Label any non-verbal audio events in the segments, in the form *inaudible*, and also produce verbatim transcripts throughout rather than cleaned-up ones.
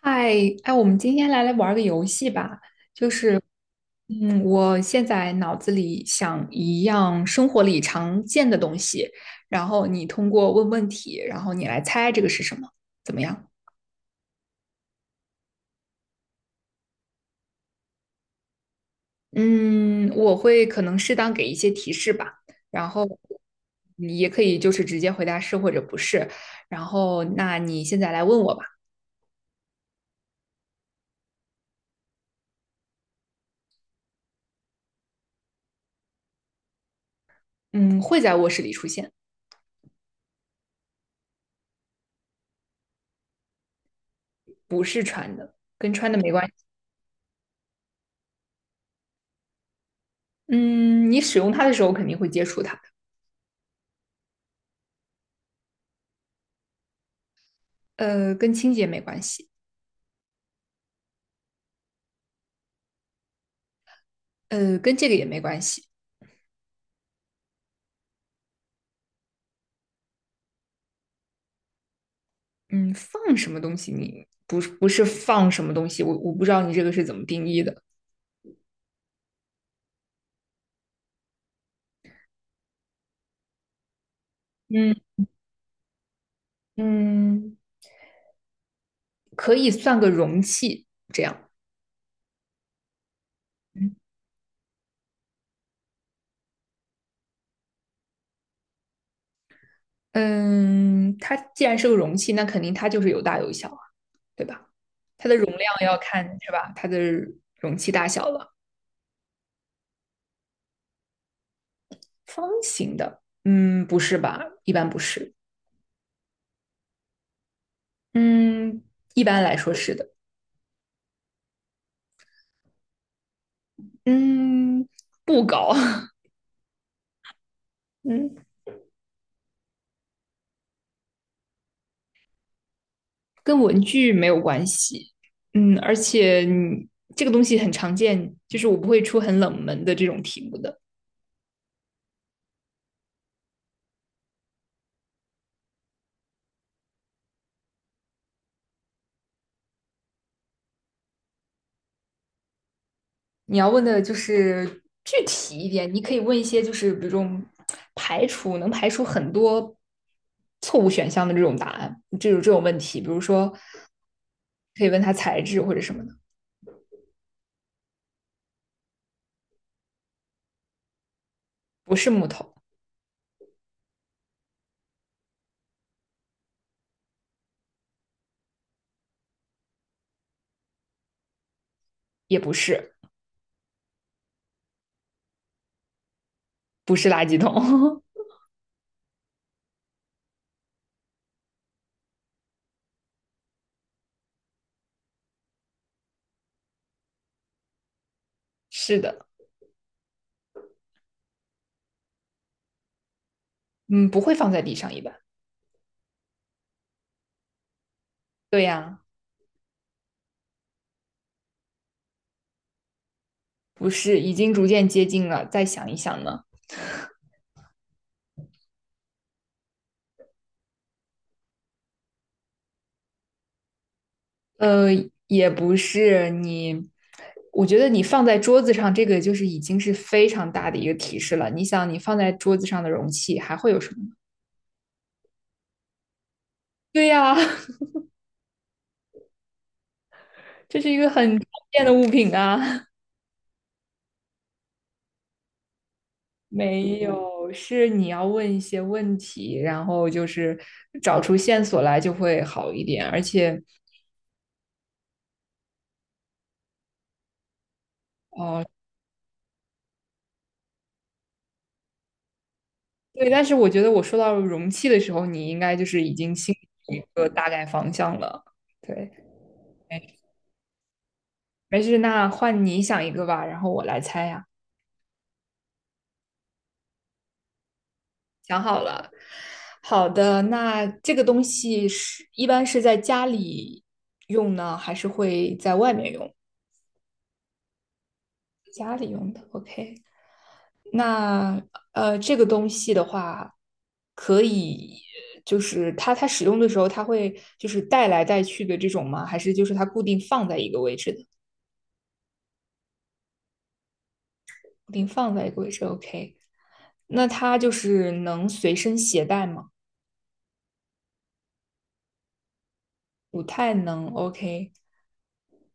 嗨，哎，我们今天来来玩儿个游戏吧。就是，嗯，我现在脑子里想一样生活里常见的东西，然后你通过问问题，然后你来猜这个是什么，怎么样？嗯，我会可能适当给一些提示吧，然后你也可以就是直接回答是或者不是。然后，那你现在来问我吧。嗯，会在卧室里出现。跟穿的没关系。嗯，你使用它的时候肯定会接触它的。呃，跟清洁没关系。呃，跟这个也没关系。嗯，放什么东西你？不是不是放什么东西，我我不知道你这个是怎么定义的。嗯嗯，可以算个容器这样。嗯嗯，它既然是个容器，那肯定它就是有大有小啊，对吧？它的容量要看是吧？它的容器大小了。方形的，嗯，不是吧？一般不是。嗯，一般来说是的。嗯，不高。*laughs* 嗯，跟文具没有关系。嗯，而且这个东西很常见，就是我不会出很冷门的这种题目的。你要问的就是具体一点，你可以问一些就是比如这排除能排除很多错误选项的这种答案，这种这种问题，比如说可以问它材质或者什么的。不是木头，也不是，不是垃圾桶。*laughs* 是的。嗯，不会放在地上一般。对呀、啊不是，已经逐渐接近了，再想一想呢。呃，也不是你，我觉得你放在桌子上，这个就是已经是非常大的一个提示了。你想，你放在桌子上的容器还会有什么呢？ *laughs* 对呀，*laughs* 这是一个很常见的物品啊。*laughs* 没有，是你要问一些问题，然后就是找出线索来就会好一点。而且，哦、对，但是我觉得我说到容器的时候，你应该就是已经心里有一个大概方向了。对。没事，那换你想一个吧，然后我来猜呀。想好了。好的，那这个东西是一般是在家里用呢，还是会在外面用？家里用的，OK。那呃，这个东西的话，可以就是它它使用的时候，它会就是带来带去的这种吗？还是就是它固定放在一个位置的？固定放在一个位置，OK。那它就是能随身携带吗？不太能，OK。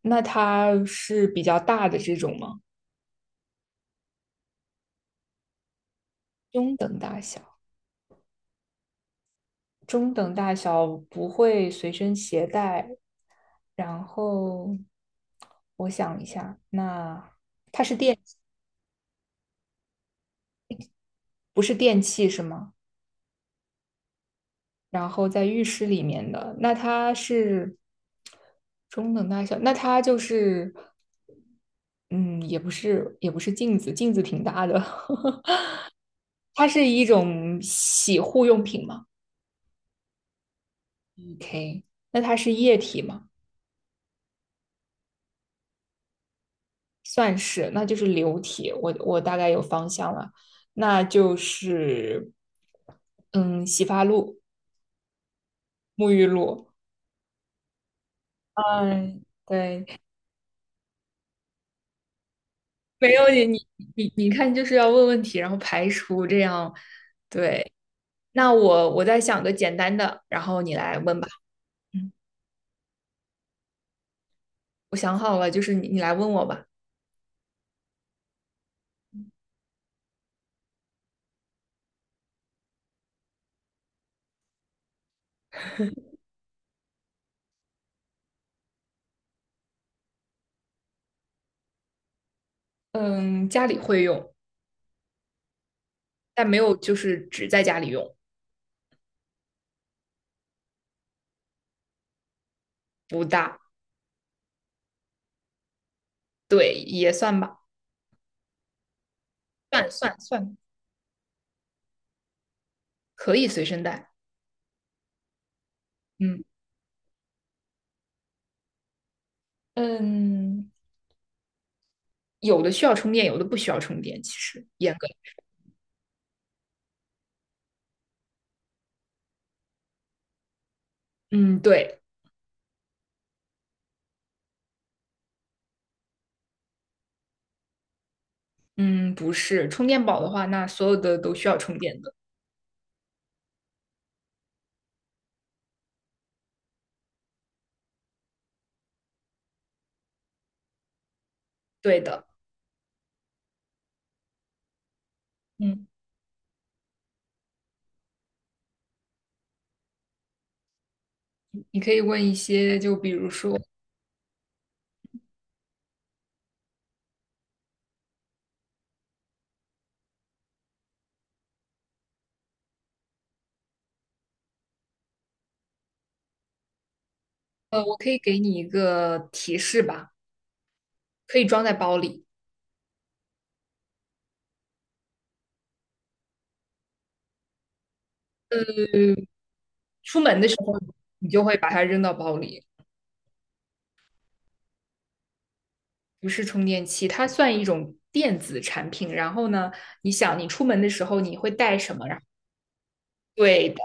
那它是比较大的这种吗？中等中等大小，不会随身携带。然后我想一下，那不是电器是吗？然后在浴室里面的，那它是中等大小，那它就是嗯，也不是也不是镜子，镜子挺大的。*laughs* 它是一种洗护用品吗？OK，那它是液体吗？算是，那就是流体，我我大概有方向了，那就是嗯，洗发露、沐浴露。嗯，对，没有你，你你你看，就是要问问题，然后排除这样。对，那我我再想个简单的，然后你来问吧。嗯，我想好了，就是你你来问我吧。嗯，家里会用，但没有就是只在家里用。不大。对，也算吧，算算算，可以随身带。嗯。嗯，有的需要充电，有的不需要充电。其实严格，嗯，对，嗯，不是充电宝的话，那所有的都需要充电的。对的，嗯，你可以问一些，就比如说，呃，我可以给你一个提示吧，可以装在包里，出门的时候你就会把它扔到包里。不是充电器，它算一种电子产品。然后呢，你想你出门的时候你会带什么？然后对的。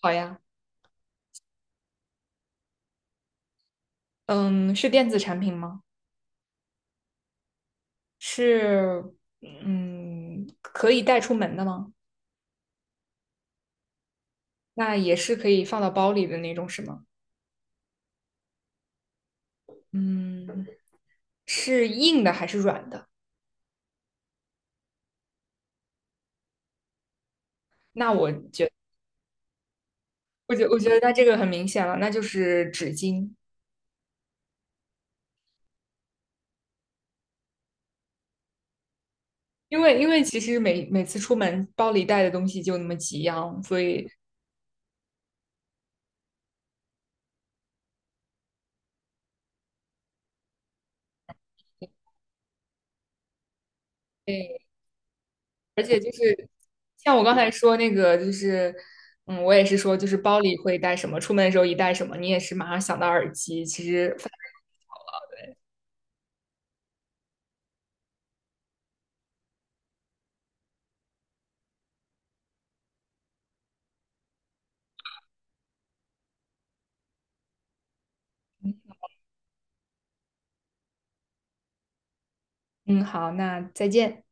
好呀，嗯，是电子产品吗？是嗯可以带出门的吗？那也是可以放到包里的那种是吗？嗯，是硬的还是软的？那我觉我觉我觉得那这个很明显了，那就是纸巾，因为因为其实每每次出门包里带的东西就那么几样，所以对，而且就是像我刚才说那个就是。嗯，我也是说，就是包里会带什么，出门的时候一带什么，你也是马上想到耳机。其实，嗯，好，那再见。